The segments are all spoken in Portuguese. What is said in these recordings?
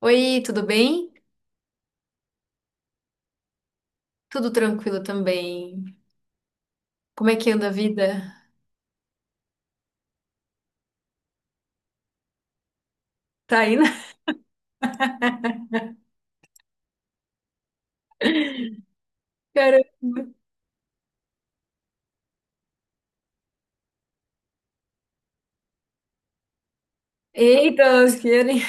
Oi, tudo bem? Tudo tranquilo também. Como é que anda a vida? Tá aí, né? Caramba. Eita, elas querem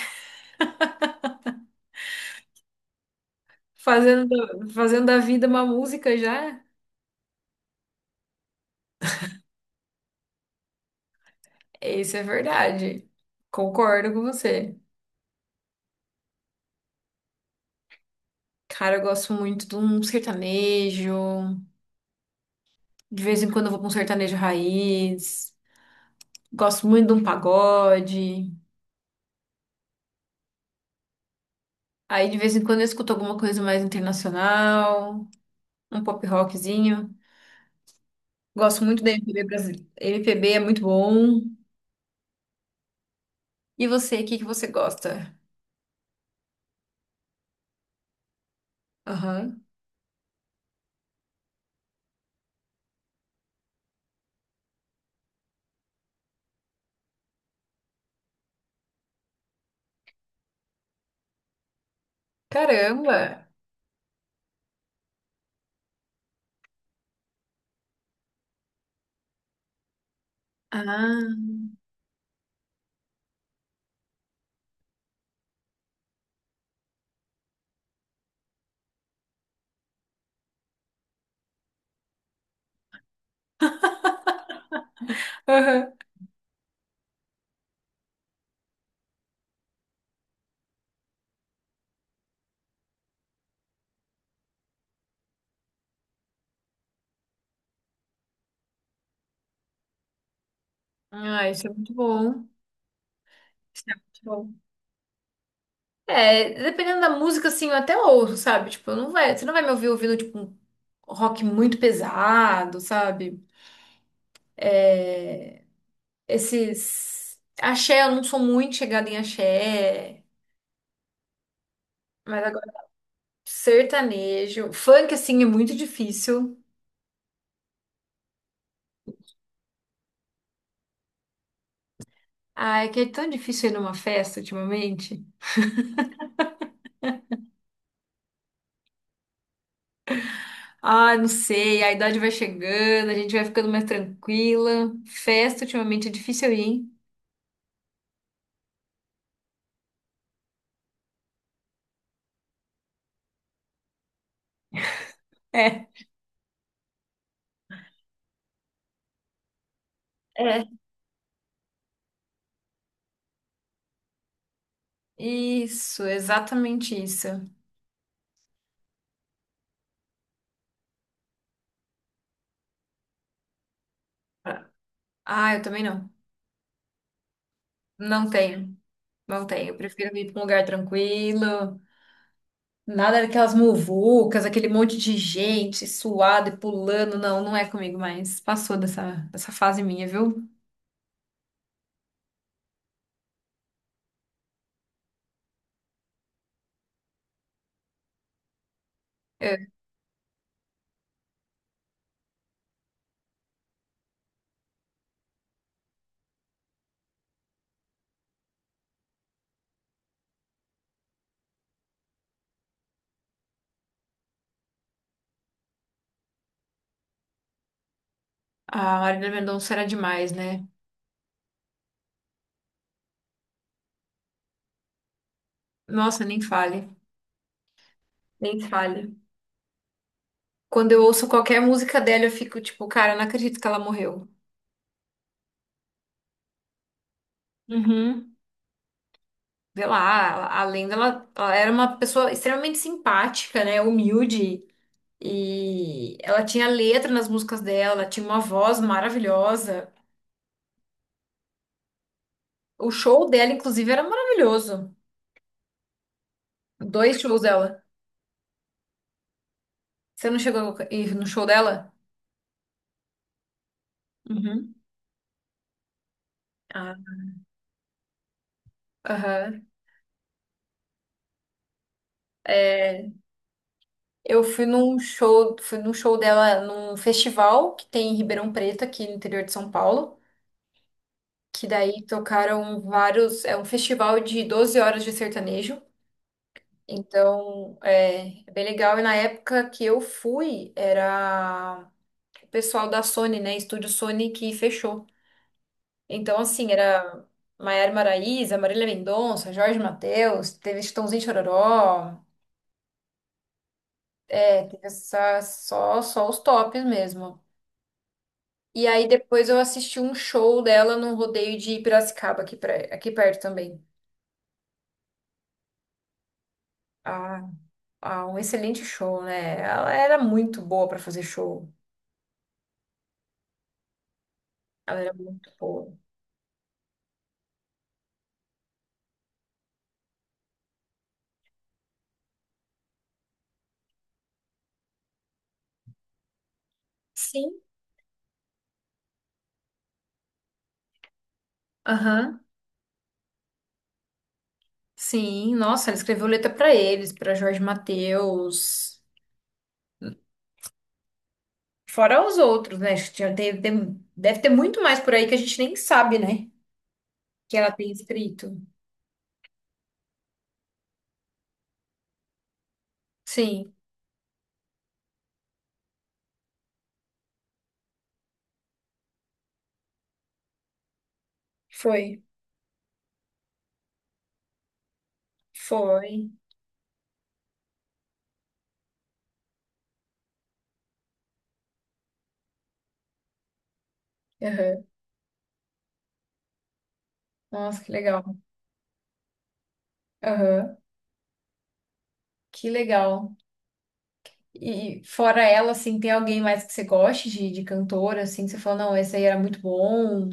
fazendo, fazendo da vida uma música já? Isso é verdade. Concordo com você. Cara, eu gosto muito de um sertanejo. De vez em quando eu vou pra um sertanejo raiz. Gosto muito de um pagode. Aí de vez em quando eu escuto alguma coisa mais internacional, um pop rockzinho. Gosto muito da MPB brasileira. MPB é muito bom. E você, o que que você gosta? Aham. Caramba! Ah, aham. Ah, isso é muito bom. Isso é muito bom. É, dependendo da música, assim, eu até ouço, sabe? Tipo, eu não vai, você não vai me ouvir ouvindo, tipo, um rock muito pesado, sabe? É, esses Axé, eu não sou muito chegada em axé, mas agora sertanejo. Funk, assim, é muito difícil. Ai, que é tão difícil ir numa festa ultimamente. Ah, não sei, a idade vai chegando, a gente vai ficando mais tranquila. Festa ultimamente é difícil eu ir, hein? É. É. Isso, exatamente isso. Ah, eu também não. Não tenho, não tenho. Eu prefiro ir para um lugar tranquilo. Nada daquelas muvucas, aquele monte de gente suada e pulando. Não, não é comigo mais. Passou dessa, dessa fase minha, viu? É. Ah, a Marina Mendonça era demais, né? Nossa, nem fale. Nem fale. Quando eu ouço qualquer música dela, eu fico tipo, cara, eu não acredito que ela morreu. Uhum. Sei lá, a lenda, ela era uma pessoa extremamente simpática, né? Humilde. E ela tinha letra nas músicas dela, tinha uma voz maravilhosa. O show dela, inclusive, era maravilhoso. Dois shows dela. Você não chegou a ir no show dela? Uhum. Ah, aham. É, eu fui num show dela num festival que tem em Ribeirão Preto, aqui no interior de São Paulo. Que daí tocaram vários. É um festival de 12 horas de sertanejo. Então, é, é bem legal. E na época que eu fui, era o pessoal da Sony, né? Estúdio Sony que fechou. Então, assim, era Maiara Maraíza, Marília Mendonça, Jorge Mateus, teve Chitãozinho e Chororó, é, teve essa, só, só os tops mesmo. E aí depois eu assisti um show dela num rodeio de Piracicaba, aqui, pra, aqui perto também. A ah, um excelente show, né? Ela era muito boa pra fazer show. Ela era muito boa. Sim. Aham. Sim, nossa, ela escreveu letra pra eles, pra Jorge Mateus, fora os outros, né? Tinha- tem- tem- deve ter muito mais por aí que a gente nem sabe, né? Que ela tem escrito. Sim, foi, foi. Aham. Nossa, que legal. Aham. Que legal. E fora ela, assim, tem alguém mais que você goste de cantora, assim, que você fala, não, esse aí era muito bom.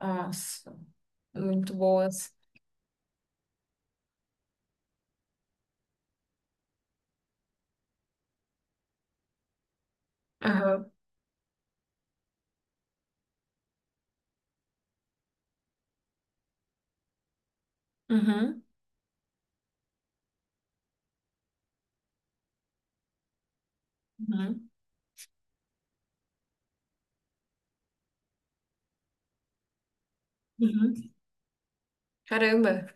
Ah, muito boas. Aham. Uhum. Uhum. Uhum. Caramba.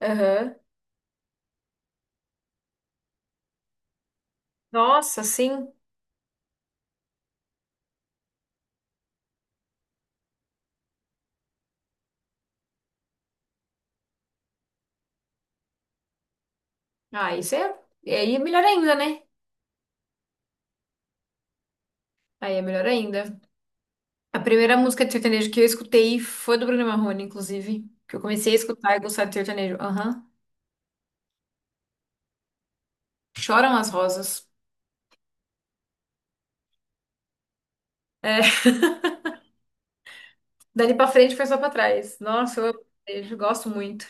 Aham. Nossa, sim. Ah, isso é. E aí é melhor ainda, né? Aí é melhor ainda. A primeira música de sertanejo que eu escutei foi do Bruno Marrone, inclusive. Que eu comecei a escutar e gostar de sertanejo. Aham. Choram as rosas. É. Dali pra frente foi só pra trás. Nossa, eu amo sertanejo, gosto muito.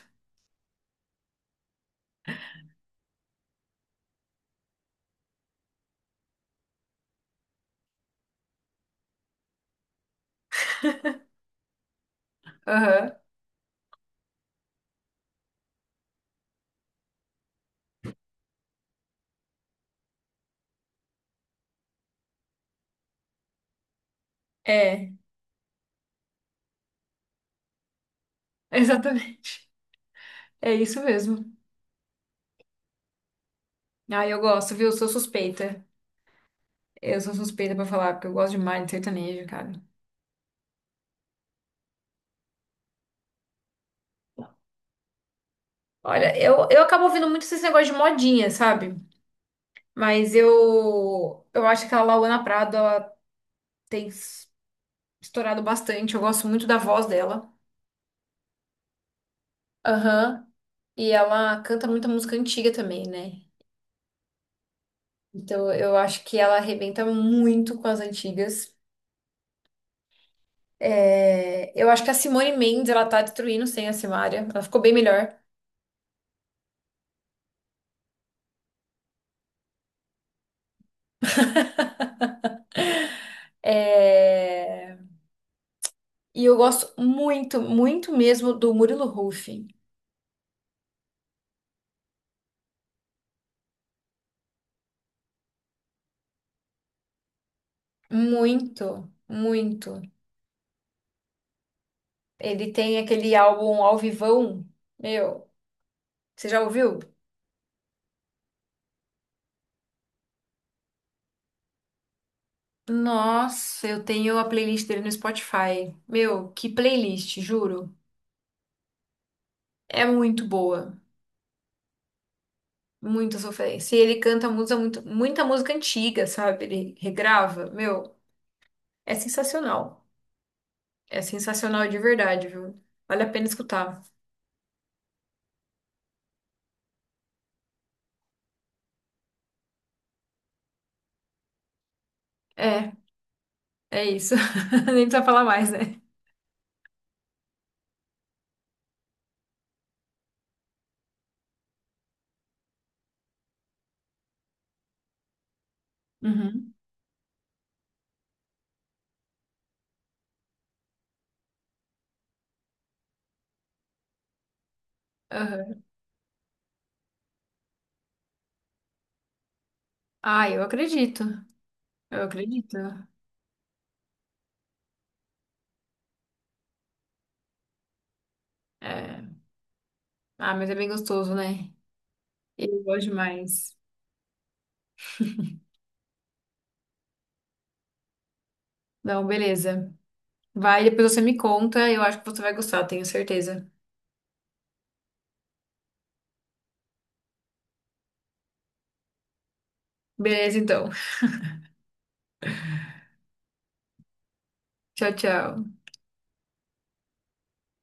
Aham. É, exatamente. É isso mesmo. Ah, eu gosto, viu? Sou suspeita. Eu sou suspeita pra falar, porque eu gosto demais de sertanejo, cara. Olha, eu acabo ouvindo muito esses negócio de modinha, sabe? Mas eu acho que a Lauana Prado, ela tem s- estourado bastante. Eu gosto muito da voz dela. Aham. E ela canta muita música antiga também, né? Então eu acho que ela arrebenta muito com as antigas. É, eu acho que a Simone Mendes, ela tá destruindo sem a Simaria. Ela ficou bem melhor. É, e eu gosto muito, muito mesmo do Murilo Huff. Muito, muito. Ele tem aquele álbum Ao Vivão. Meu, você já ouviu? Nossa, eu tenho a playlist dele no Spotify. Meu, que playlist, juro. É muito boa. Muita sofrência. E ele canta muita, muito, muita música antiga, sabe? Ele regrava. Meu, é sensacional. É sensacional de verdade, viu? Vale a pena escutar. É, é isso. Nem precisa falar mais, né? Uhum. Aham. Ah, eu acredito. Eu acredito. É. Ah, mas é bem gostoso, né? Eu gosto demais. Não, beleza. Vai, depois você me conta. Eu acho que você vai gostar, tenho certeza. Beleza, então. Tchau, tchau.